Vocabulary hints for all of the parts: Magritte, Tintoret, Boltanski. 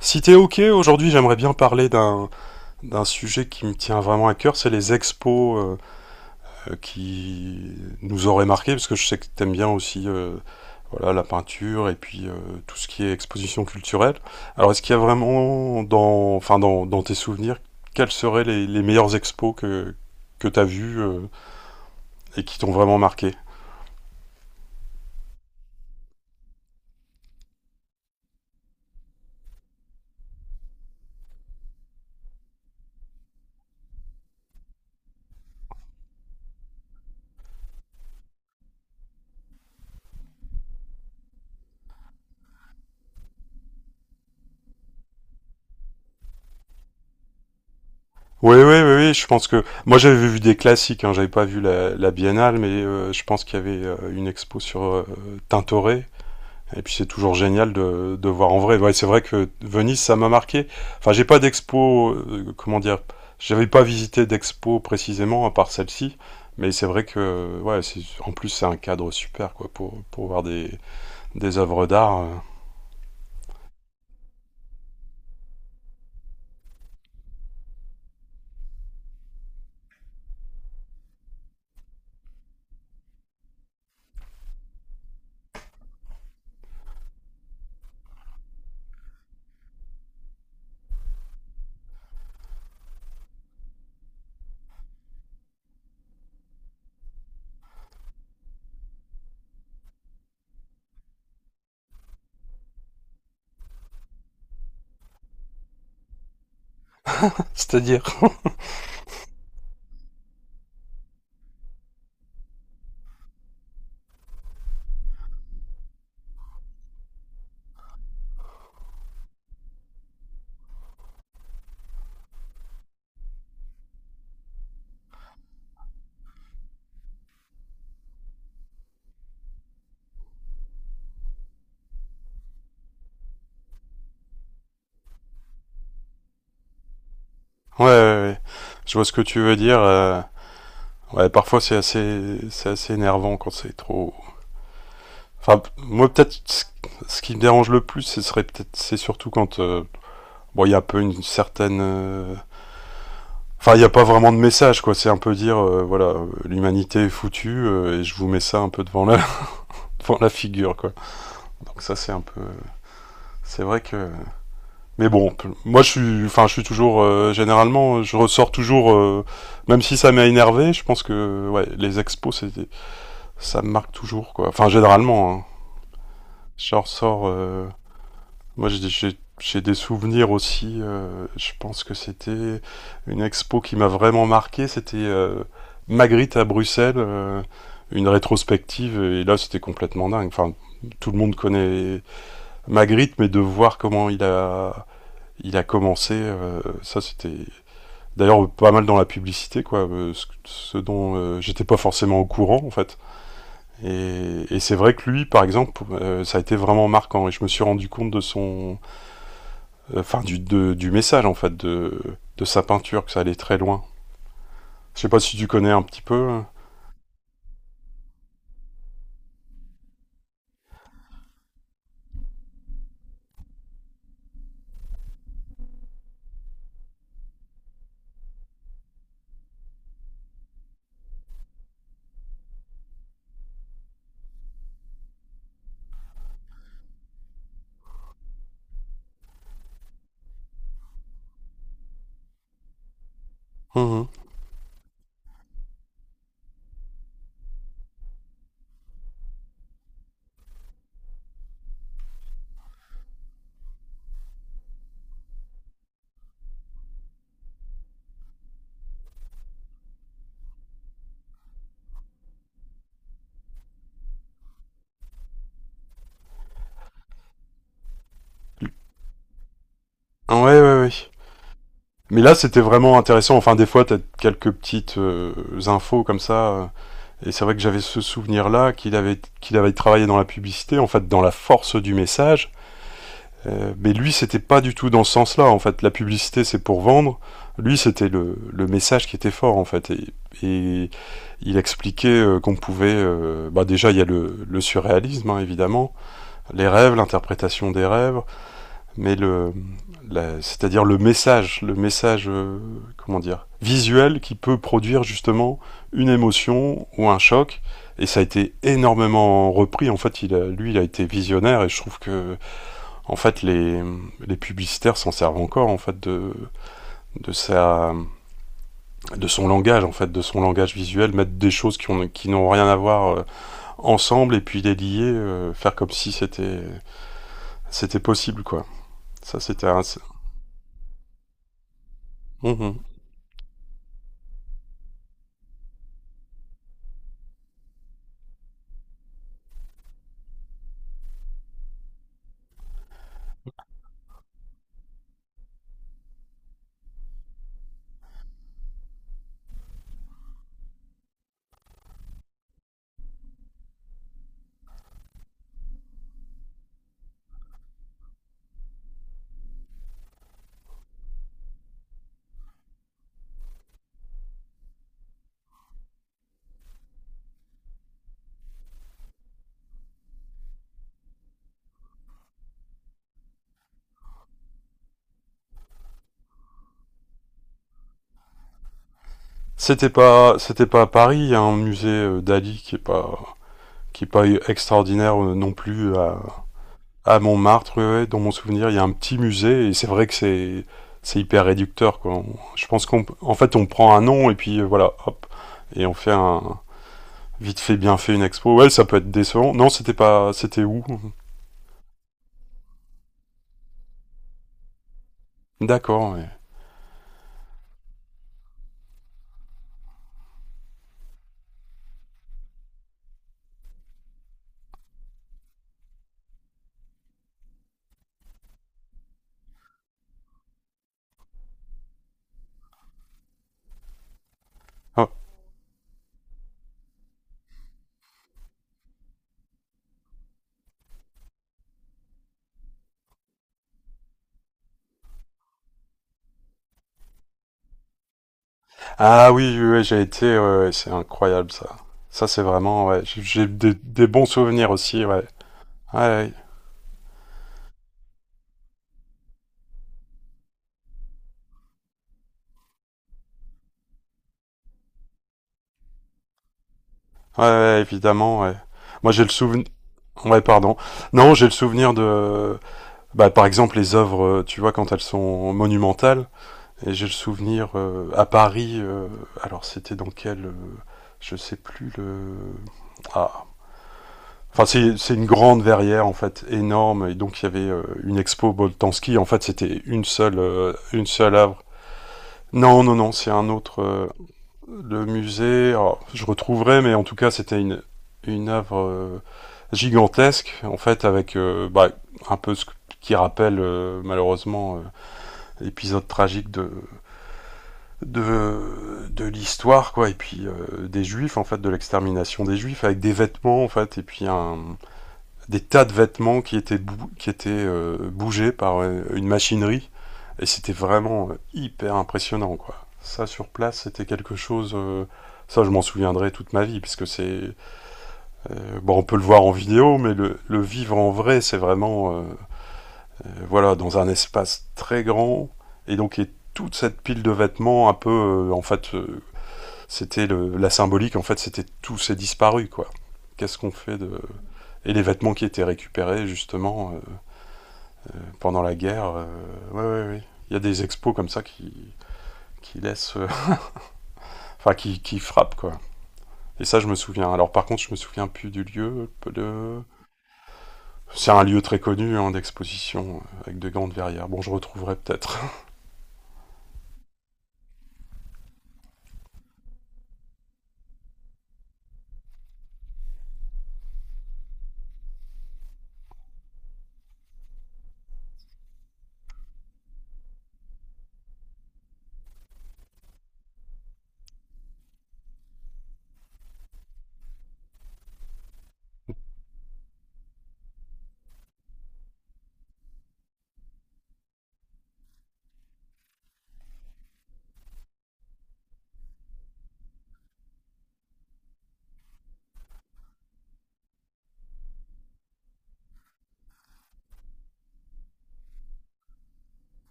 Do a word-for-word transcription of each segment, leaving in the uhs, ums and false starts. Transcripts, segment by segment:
Si t'es ok, aujourd'hui j'aimerais bien parler d'un d'un sujet qui me tient vraiment à cœur, c'est les expos euh, euh, qui nous auraient marqué, parce que je sais que t'aimes bien aussi euh, voilà, la peinture et puis euh, tout ce qui est exposition culturelle. Alors est-ce qu'il y a vraiment dans, enfin, dans, dans tes souvenirs, quelles seraient les, les meilleures expos que, que t'as vues euh, et qui t'ont vraiment marqué? Oui, oui, oui, oui, je pense que moi j'avais vu des classiques, hein, j'avais pas vu la, la Biennale, mais euh, je pense qu'il y avait euh, une expo sur euh, Tintoret. Et puis c'est toujours génial de, de voir en vrai. Ouais, c'est vrai que Venise, ça m'a marqué. Enfin, j'ai pas d'expo, euh, comment dire, j'avais pas visité d'expo précisément à part celle-ci, mais c'est vrai que, ouais, c'est- en plus c'est un cadre super quoi pour pour voir des des œuvres d'art. Euh. C'est-à-dire. Ouais, ouais, ouais, je vois ce que tu veux dire. Euh. Ouais, parfois c'est assez c'est assez énervant quand c'est trop. Enfin, p- moi peut-être ce- ce qui me dérange le plus, ce serait peut-être c'est surtout quand euh, bon, il y a un peu une certaine euh, enfin, il n'y a pas vraiment de message, quoi. C'est un peu dire, euh, voilà, euh, l'humanité est foutue euh, et je vous mets ça un peu devant la, devant la figure, quoi. Donc ça, c'est un peu, c'est vrai que. Mais bon, moi, je suis, enfin, je suis toujours, euh, généralement, je ressors toujours, euh, même si ça m'a énervé. Je pense que, ouais, les expos, c'est, ça me marque toujours, quoi. Enfin, généralement, hein, je ressors. Euh, Moi, j'ai- j'ai j'ai des souvenirs aussi. Euh, je pense que c'était une expo qui m'a vraiment marqué. C'était euh, Magritte à Bruxelles, euh, une rétrospective. Et là, c'était complètement dingue. Enfin, tout le monde connaît Magritte, mais de voir comment il a il a commencé, euh, ça c'était d'ailleurs pas mal dans la publicité, quoi. euh, ce, ce, dont euh, j'étais pas forcément au courant, en fait. Et, et c'est vrai que lui, par exemple, euh, ça a été vraiment marquant. Et je me suis rendu compte de son euh, enfin du, de- du message en fait de, de sa peinture, que ça allait très loin. Je sais pas si tu connais un petit peu. Mhm. Ouais, ouais, ouais. Mais là, c'était vraiment intéressant. Enfin, des fois, t'as quelques petites euh, infos comme ça. Euh, Et c'est vrai que j'avais ce souvenir-là qu'il avait, qu'il avait travaillé dans la publicité, en fait, dans la force du message. Euh, mais lui, c'était pas du tout dans ce sens-là. En fait, la publicité, c'est pour vendre. Lui, c'était le, le message qui était fort, en fait. Et, et il expliquait euh, qu'on pouvait. Euh, bah déjà, il y a le, le surréalisme, hein, évidemment, les rêves, l'interprétation des rêves, mais le, la- c'est-à-dire le message, le message, euh, comment dire, visuel qui peut produire justement une émotion ou un choc. Et ça a été énormément repris. En fait, il a, lui, il a été visionnaire et je trouve que en fait, les, les publicitaires s'en servent encore en fait de, de sa de son langage en fait, de son langage visuel, mettre des choses qui ont qui n'ont rien à voir euh, ensemble et puis les lier, euh, faire comme si c'était c'était possible quoi. Ça c'était un- c'est- Mhm. C'était pas c'était pas à Paris, il y a un musée euh, d'Ali qui est pas qui est pas extraordinaire euh, non plus à, À Montmartre, ouais, ouais, dans mon souvenir, il y a un petit musée et c'est vrai que c'est c'est hyper réducteur quoi. On- je pense qu'on en fait on prend un nom et puis euh, voilà, hop et on fait un vite fait bien fait une expo. Ouais, ça peut être décevant. Non, c'était pas C'était où? D'accord, ouais. Oh. Ah oui, oui, oui, j'ai été ouais, ouais, ouais, c'est incroyable ça. Ça c'est vraiment ouais, j'ai- j'ai des, des bons souvenirs aussi, ouais. Ouais, ouais. Ouais, ouais, évidemment, ouais. Moi j'ai le souvenir. Ouais, pardon. Non, j'ai le souvenir de. Bah, par exemple, les œuvres, euh, tu vois, quand elles sont monumentales, et j'ai le souvenir euh, à Paris, euh, alors c'était dans quel. Euh, je sais plus le. Ah. Enfin, c'est c'est une grande verrière, en fait, énorme, et donc il y avait euh, une expo Boltanski, en fait, c'était une seule, euh, une seule œuvre. Non, non, non, c'est un autre. Euh, le musée, alors, je retrouverai, mais en tout cas, c'était une, une œuvre euh, gigantesque, en fait, avec euh, bah, un peu ce qui rappelle euh, malheureusement euh, épisode tragique de, de, de l'histoire, quoi. Et puis euh, des juifs, en fait, de l'extermination des juifs, avec des vêtements, en fait, et puis un, des tas de vêtements qui étaient, bou- qui étaient euh, bougés par euh, une machinerie. Et c'était vraiment euh, hyper impressionnant, quoi. Ça, sur place, c'était quelque chose... euh, ça, je m'en souviendrai toute ma vie, puisque c'est... Euh, bon, on peut le voir en vidéo, mais le, le vivre en vrai, c'est vraiment... Euh, euh, voilà, dans un espace très grand. Et donc, et toute cette pile de vêtements, un peu, euh, en fait, euh, c'était la symbolique, en fait, c'était tout s'est disparu, quoi. Qu'est-ce qu'on fait de... Et les vêtements qui étaient récupérés, justement, euh, pendant la guerre, euh, ouais, ouais, ouais. Il y a des expos comme ça qui, qui laissent... euh, Enfin, qui, qui frappent, quoi. Et ça, je me souviens. Alors, par contre, je me souviens plus du lieu, de... C'est un lieu très connu hein, d'exposition, avec de grandes verrières. Bon, je retrouverai peut-être.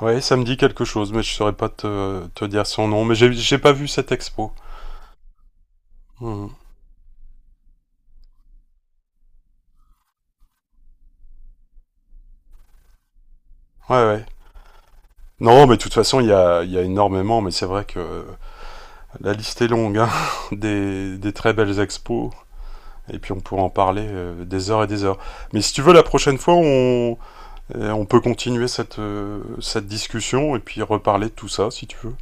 Ouais, ça me dit quelque chose, mais je saurais pas te, te dire son nom. Mais j'ai j'ai pas vu cette expo. Hmm. Ouais, ouais. Non, mais de toute façon, il y a, il y a énormément, mais c'est vrai que la liste est longue, hein, des, des très belles expos. Et puis on pourra en parler euh, des heures et des heures. Mais si tu veux, la prochaine fois, on, euh, on peut continuer cette, euh, cette discussion et puis reparler de tout ça, si tu veux.